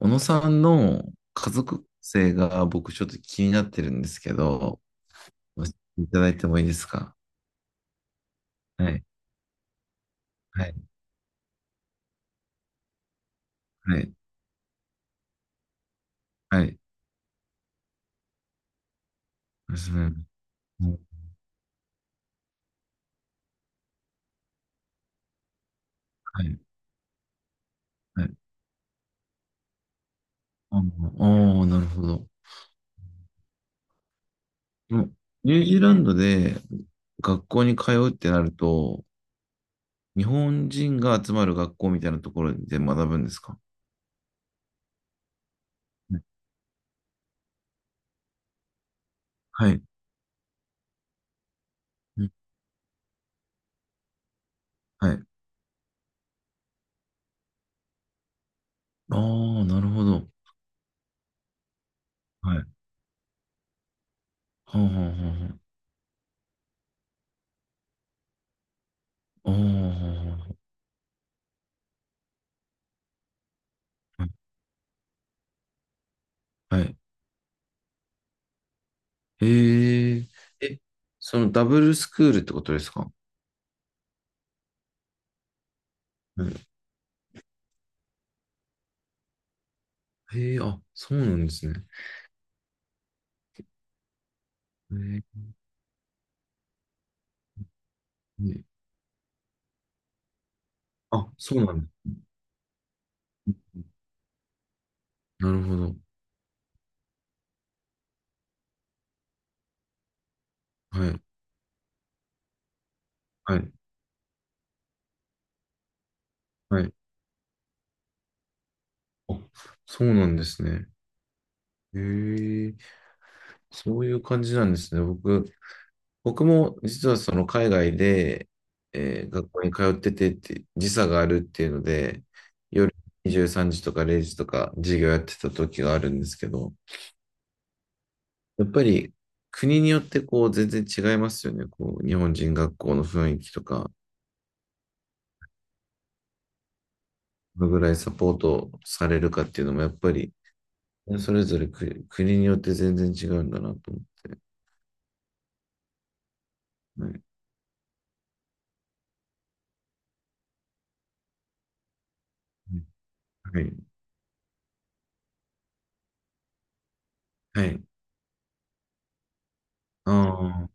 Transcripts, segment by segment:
小野さんの家族性が僕ちょっと気になってるんですけど、教えていただいてもいいですか？はい、はい、はい、はい。娘もはい、はい。ああ、なるほど。もうニュージーランドで学校に通うってなると、日本人が集まる学校みたいなところで学ぶんですか？はい、うんはい。ああ、なるほど。はい。はあ、はあ、はあ、はあ。ああ、はあはあはあへえ、え、そのダブルスクールってことですか？うん。へえ、あ、そうなんですね。へえ、ねあ、そうなんだ。なるほど。はい、はい、はい。あ、そうなんですね。へえ、そういう感じなんですね。僕も実はその海外で、学校に通っててって、時差があるっていうので、夜23時とか0時とか授業やってた時があるんですけど、やっぱり国によってこう全然違いますよね。こう日本人学校の雰囲気とか、どのぐらいサポートされるかっていうのもやっぱりそれぞれ国によって全然違うんだなと思って。はい。はい。はい。ああ。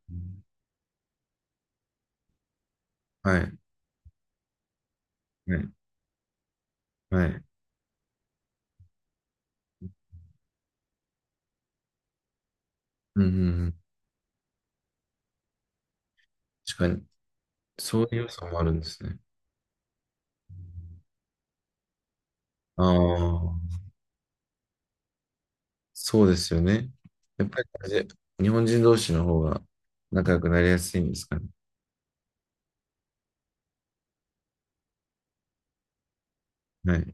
はい。はい。はい。うんうんうん。確かに。そういう要素もあるんですね。ああ。そうですよね。やっぱりあれで日本人同士の方が仲良くなりやすいんですかね？はい。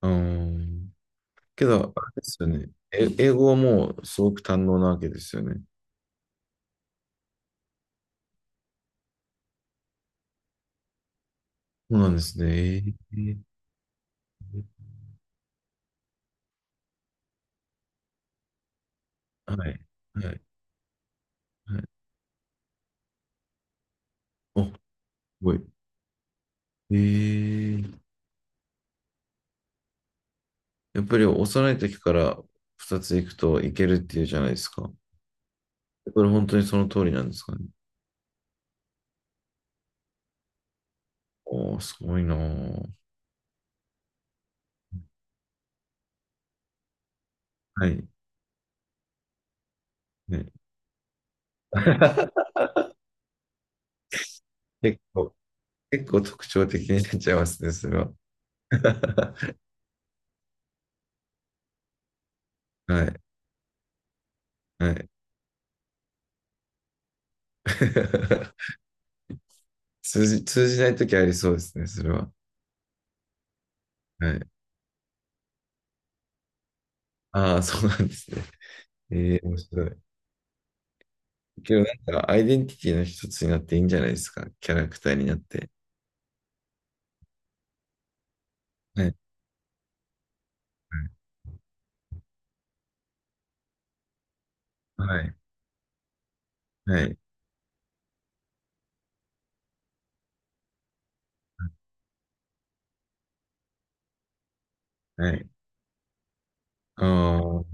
ああ。けど、あれですよね。英語はもうすごく堪能なわけですよね。そうなんですね。えーはい。はい。はい。お、すごい。えー、やっぱり幼い時から2つ行くといけるっていうじゃないですか。これ本当にその通りなんですかね？おー、すごいなー。はい。ね。結構、結構特徴的になっちゃいますね、それは。はい。はい。通じない時ありそうですね、それは。はい。ああ、そうなんですね。ええ面白い。けどなんか、アイデンティティの一つになっていいんじゃないですか。キャラクターになって。はい。はい。はい。はい。ああ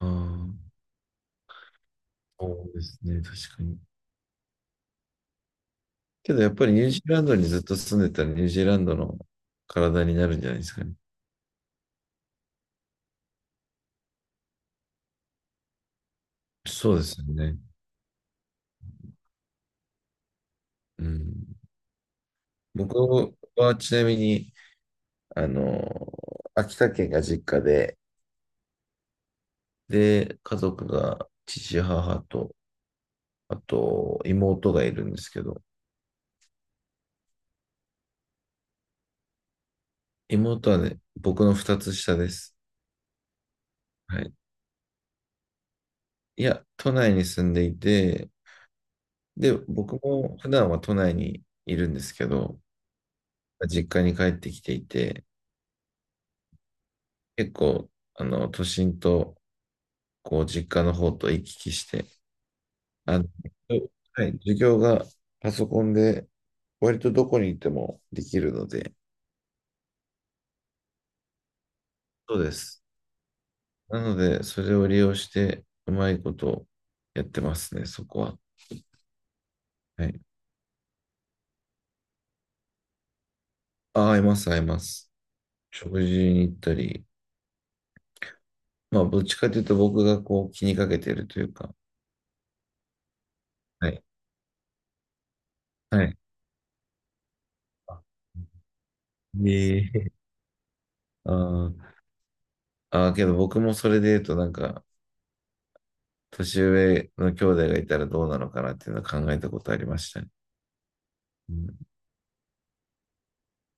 ああそうですね。確かに。けどやっぱりニュージーランドにずっと住んでたらニュージーランドの体になるんじゃないですかね？そうですよね。うん。僕はちなみに、あの、秋田県が実家で、で、家族が父、母と、あと妹がいるんですけど、妹はね、僕の二つ下です。はい。いや、都内に住んでいて、で、僕も普段は都内にいるんですけど、実家に帰ってきていて、結構、都心と、こう、実家の方と行き来して、あの、はい、授業がパソコンで、割とどこに行ってもできるので、そうです。なので、それを利用して、うまいことやってますね、そこは。はい。あ、合います、合います。食事に行ったり、まあ、どっちかというと僕がこう気にかけてるというか、はい。はい。あええあーあー、けど僕もそれで言うとなんか、年上の兄弟がいたらどうなのかなっていうのは考えたことありましたね。うん。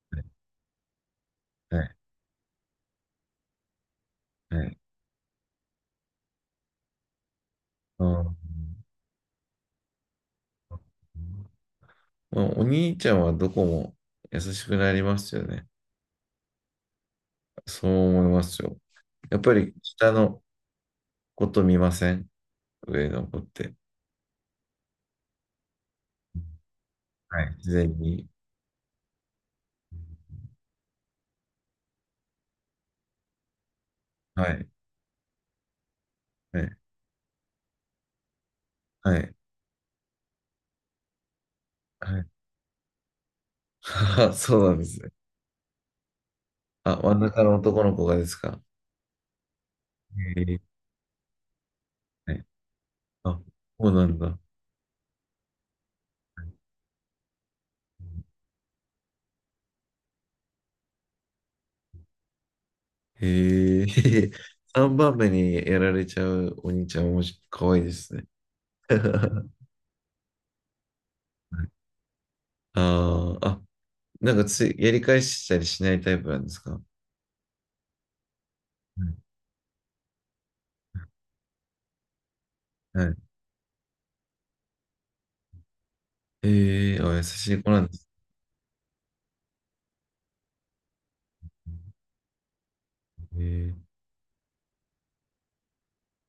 はい。はい。うん。まあ、お兄ちゃんはどこも優しくなりますよね。そう思いますよ。やっぱり下のこと見ません上の子って？はい。自然に。はい。はい。はい。はい あそうなんですね。あ、真ん中の男の子がですか？ええはい。あ、そうなんだ。へえ、3番目にやられちゃうお兄ちゃん、おもし、かわいいですね。ああ。あ、なんかつい、やり返したりしないタイプなんですかはい。はいええあ、優しい子なんです。ええ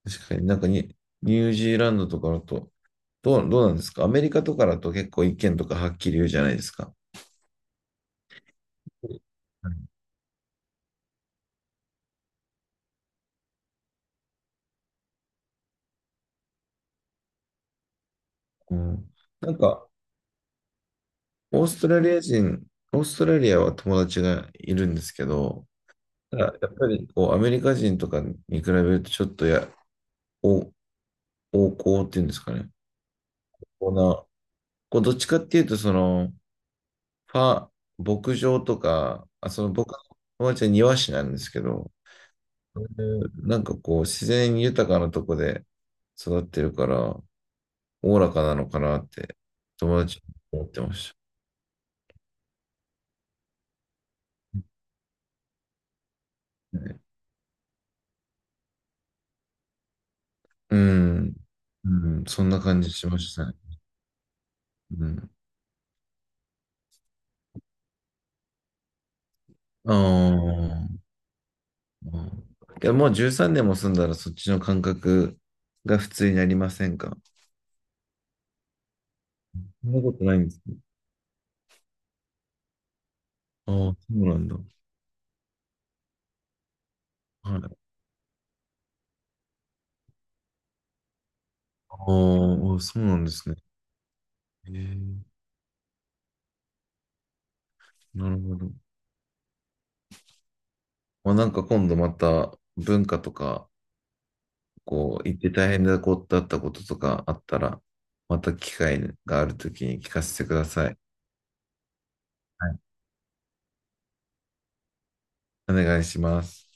確かになんかに、ニュージーランドとかだと、どうなんですかアメリカとかだと結構意見とかはっきり言うじゃないですか。はいうん、なんか、オーストラリア人、オーストラリアは友達がいるんですけど、ただやっぱりこうアメリカ人とかに比べるとちょっとや、お、横行っていうんですかね？こうな、こうどっちかっていうと、その、ファ、牧場とか、あ、その僕の友達は庭師なんですけど、そういうなんかこう自然豊かなとこで育ってるから、おおらかなのかなって友達は思ってましたね。うん。うん、そんな感じしましたね。うん。ああ、けどもう13年も住んだらそっちの感覚が普通になりませんか？そんなことないんですね。ああ、そうなんだ。はい。ああ、そうなんですね。ええ、なるほど。まあ、なんか今度また文化とか、こう、行って大変なことだったこととかあったら、また機会があるときに聞かせてください。はい。お願いします。